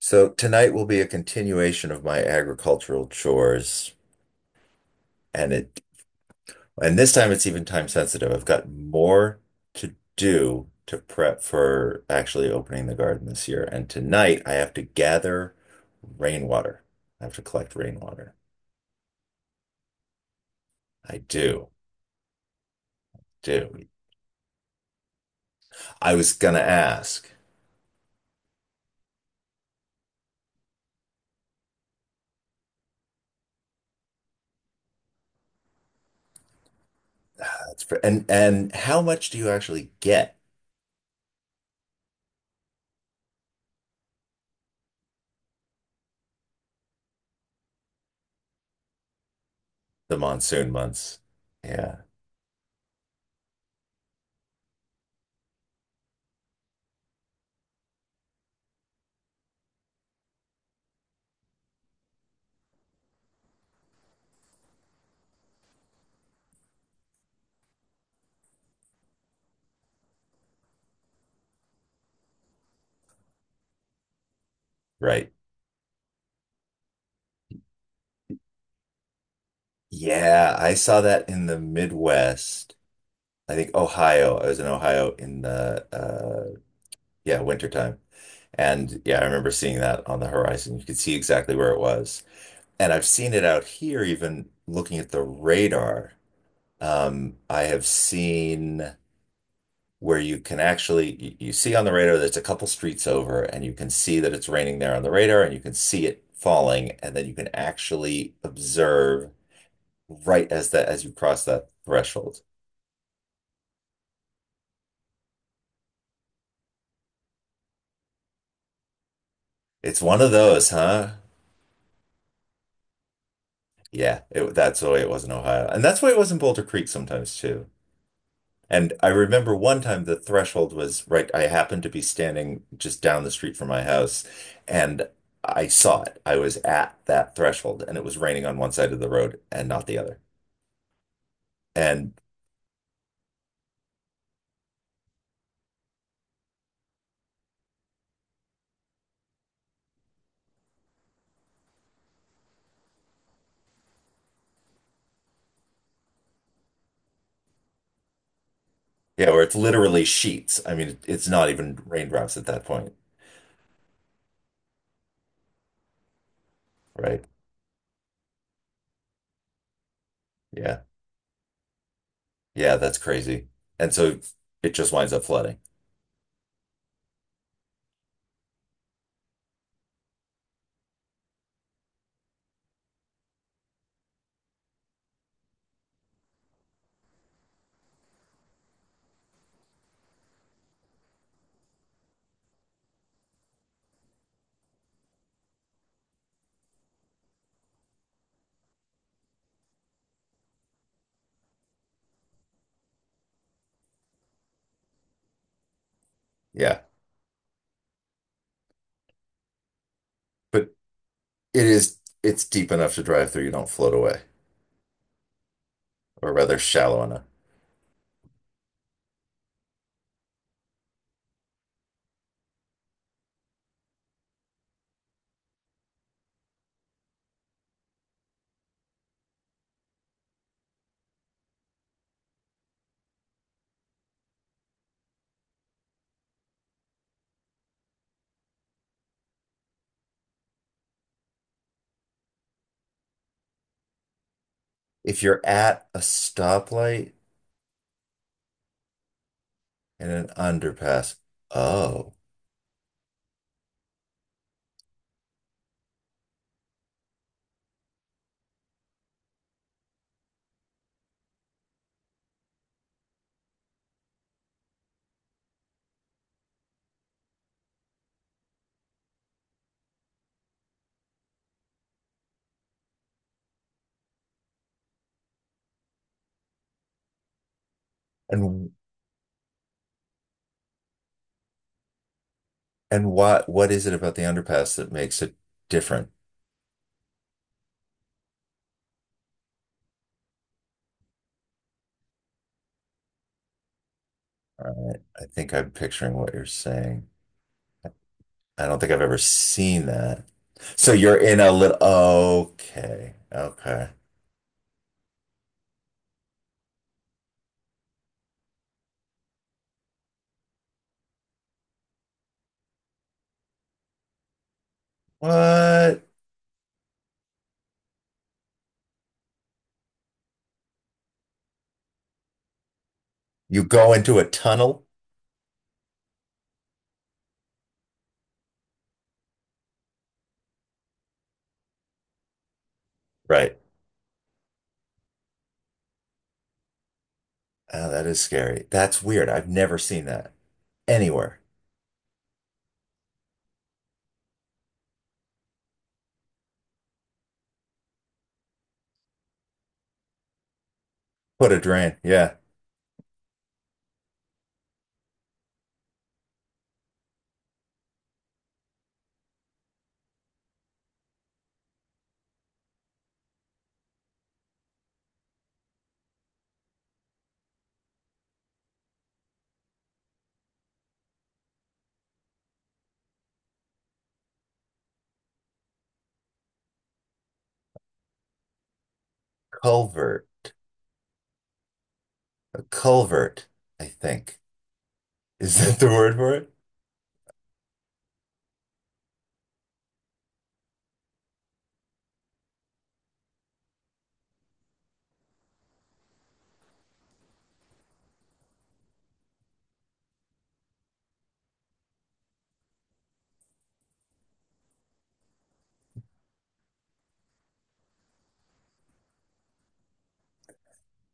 So tonight will be a continuation of my agricultural chores, and it and this time it's even time sensitive. I've got more to do to prep for actually opening the garden this year. And tonight I have to gather rainwater. I have to collect rainwater. I do, do. I was gonna ask, ah, that's and how much do you actually get the monsoon months? Yeah, right. Yeah, I saw that in the Midwest. I think Ohio. I was in Ohio in the yeah, wintertime. And yeah, I remember seeing that on the horizon. You could see exactly where it was. And I've seen it out here even looking at the radar. I have seen where you can actually you see on the radar that's a couple streets over and you can see that it's raining there on the radar and you can see it falling and then you can actually observe right as that as you cross that threshold. It's one of those, huh? Yeah, that's the way it was in Ohio. And that's why it was in Boulder Creek sometimes too. And I remember one time the threshold was right. I happened to be standing just down the street from my house and I saw it. I was at that threshold and it was raining on one side of the road and not the other. And yeah, where it's literally sheets. I mean, it's not even raindrops at that point, right? Yeah. Yeah, that's crazy. And so it just winds up flooding. Yeah. But it is, it's deep enough to drive through. You don't float away. Or rather shallow enough. If you're at a stoplight and an underpass, oh, and and what is it about the underpass that makes it different? All right, I think I'm picturing what you're saying. I don't think I've ever seen that. So you're in a little, okay, okay. What? You go into a tunnel? Right. Oh, that is scary. That's weird. I've never seen that anywhere. What a drain. Yeah. Culvert. A culvert, I think. Is that the word for it?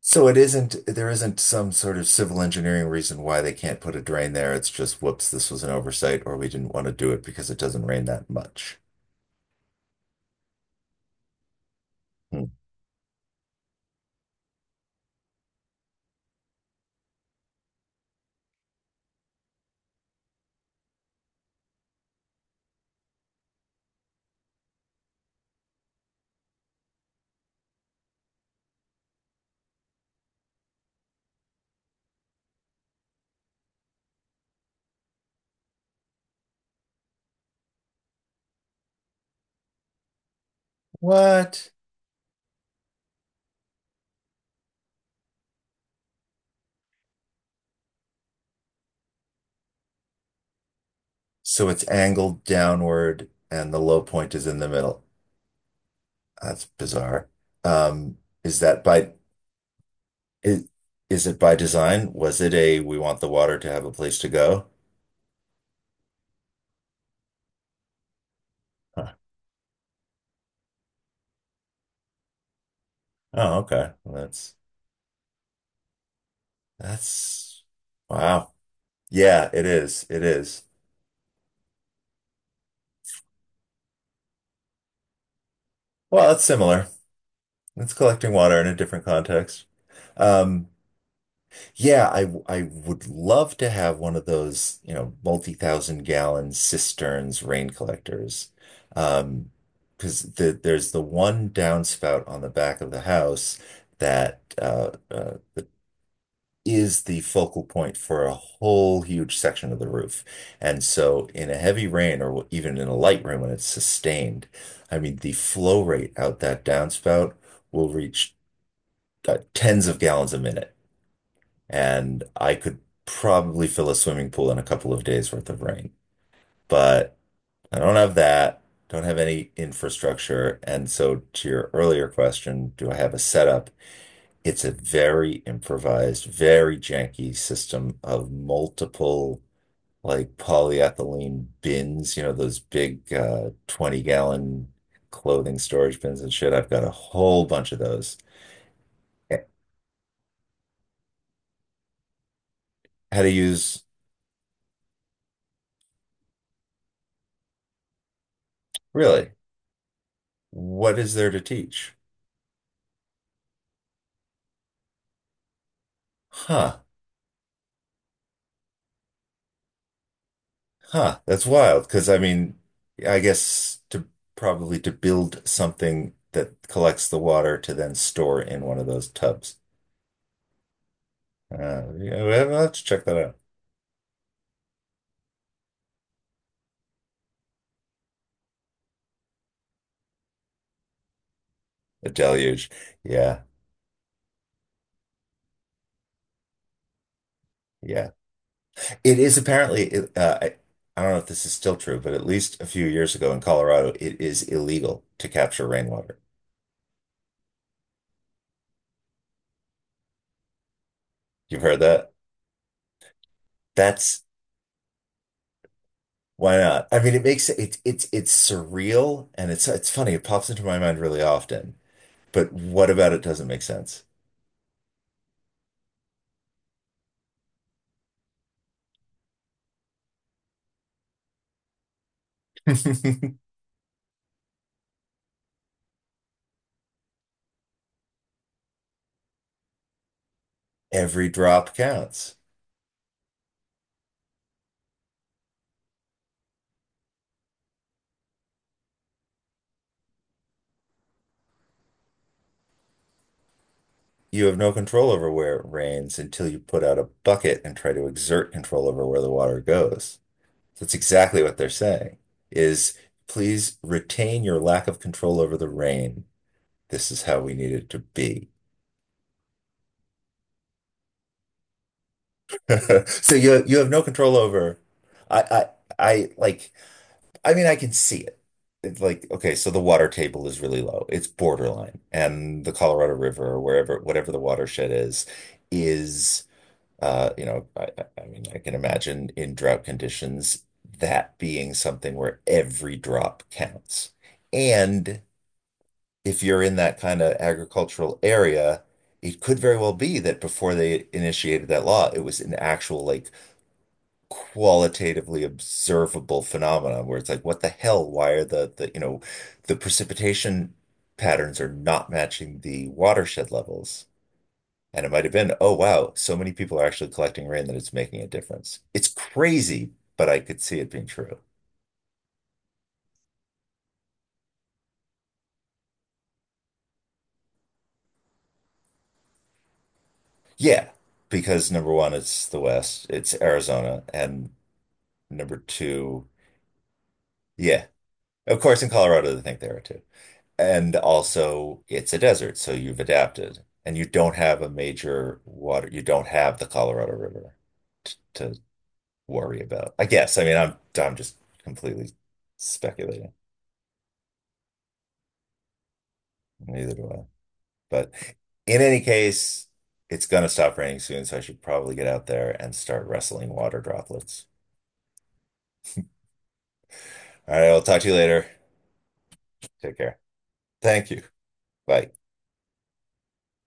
So it isn't, there isn't some sort of civil engineering reason why they can't put a drain there. It's just, whoops, this was an oversight, or we didn't want to do it because it doesn't rain that much. Hmm. What? So it's angled downward and the low point is in the middle. That's bizarre. Um, is that by Is, is it by design? Was it a we want the water to have a place to go? Huh. Oh, okay. Well, that's wow. Yeah, it is. It is. Well, it's similar. It's collecting water in a different context. Um, yeah, I would love to have one of those, you know, multi-thousand gallon cisterns rain collectors. Um, because there's the one downspout on the back of the house that the is the focal point for a whole huge section of the roof. And so, in a heavy rain or even in a light rain when it's sustained, I mean, the flow rate out that downspout will reach tens of gallons a minute. And I could probably fill a swimming pool in a couple of days worth of rain. But I don't have any infrastructure. And so, to your earlier question, do I have a setup? It's a very improvised, very janky system of multiple like polyethylene bins, you know, those big 20-gallon clothing storage bins and shit. I've got a whole bunch of those. Eh, How to use, really, what is there to teach? Huh, huh, that's wild. Because I mean, I guess to probably to build something that collects the water to then store in one of those tubs. Yeah, well, let's check that out. A deluge. Yeah, yeah. It is apparently, it- I don't know if this is still true, but at least a few years ago in Colorado, it is illegal to capture rainwater. You've heard that? That's why not? I mean, it it's surreal and it's funny. It pops into my mind really often. But what about it doesn't make sense? Every drop counts. You have no control over where it rains until you put out a bucket and try to exert control over where the water goes. That's exactly what they're saying is please retain your lack of control over the rain. This is how we need it to be. So you have no control over I I I like I mean I can see it. It's like okay, so the water table is really low. It's borderline. And the Colorado River or wherever whatever the watershed is you know I mean I can imagine in drought conditions that being something where every drop counts. And if you're in that kind of agricultural area, it could very well be that before they initiated that law, it was an actual like qualitatively observable phenomenon where it's like, what the hell? Why are the you know the precipitation patterns are not matching the watershed levels? And it might have been, oh wow, so many people are actually collecting rain that it's making a difference. It's crazy, but I could see it being true. Yeah, because number one, it's the West, it's Arizona, and number two. Yeah. Of course, in Colorado, they think there are too. And also, it's a desert, so you've adapted. And you don't have the Colorado River t to worry about. I guess. I mean, I'm just completely speculating. Neither do I. But in any case, it's gonna stop raining soon, so I should probably get out there and start wrestling water droplets. All right, I'll talk to you later. Take care. Thank you. Bye.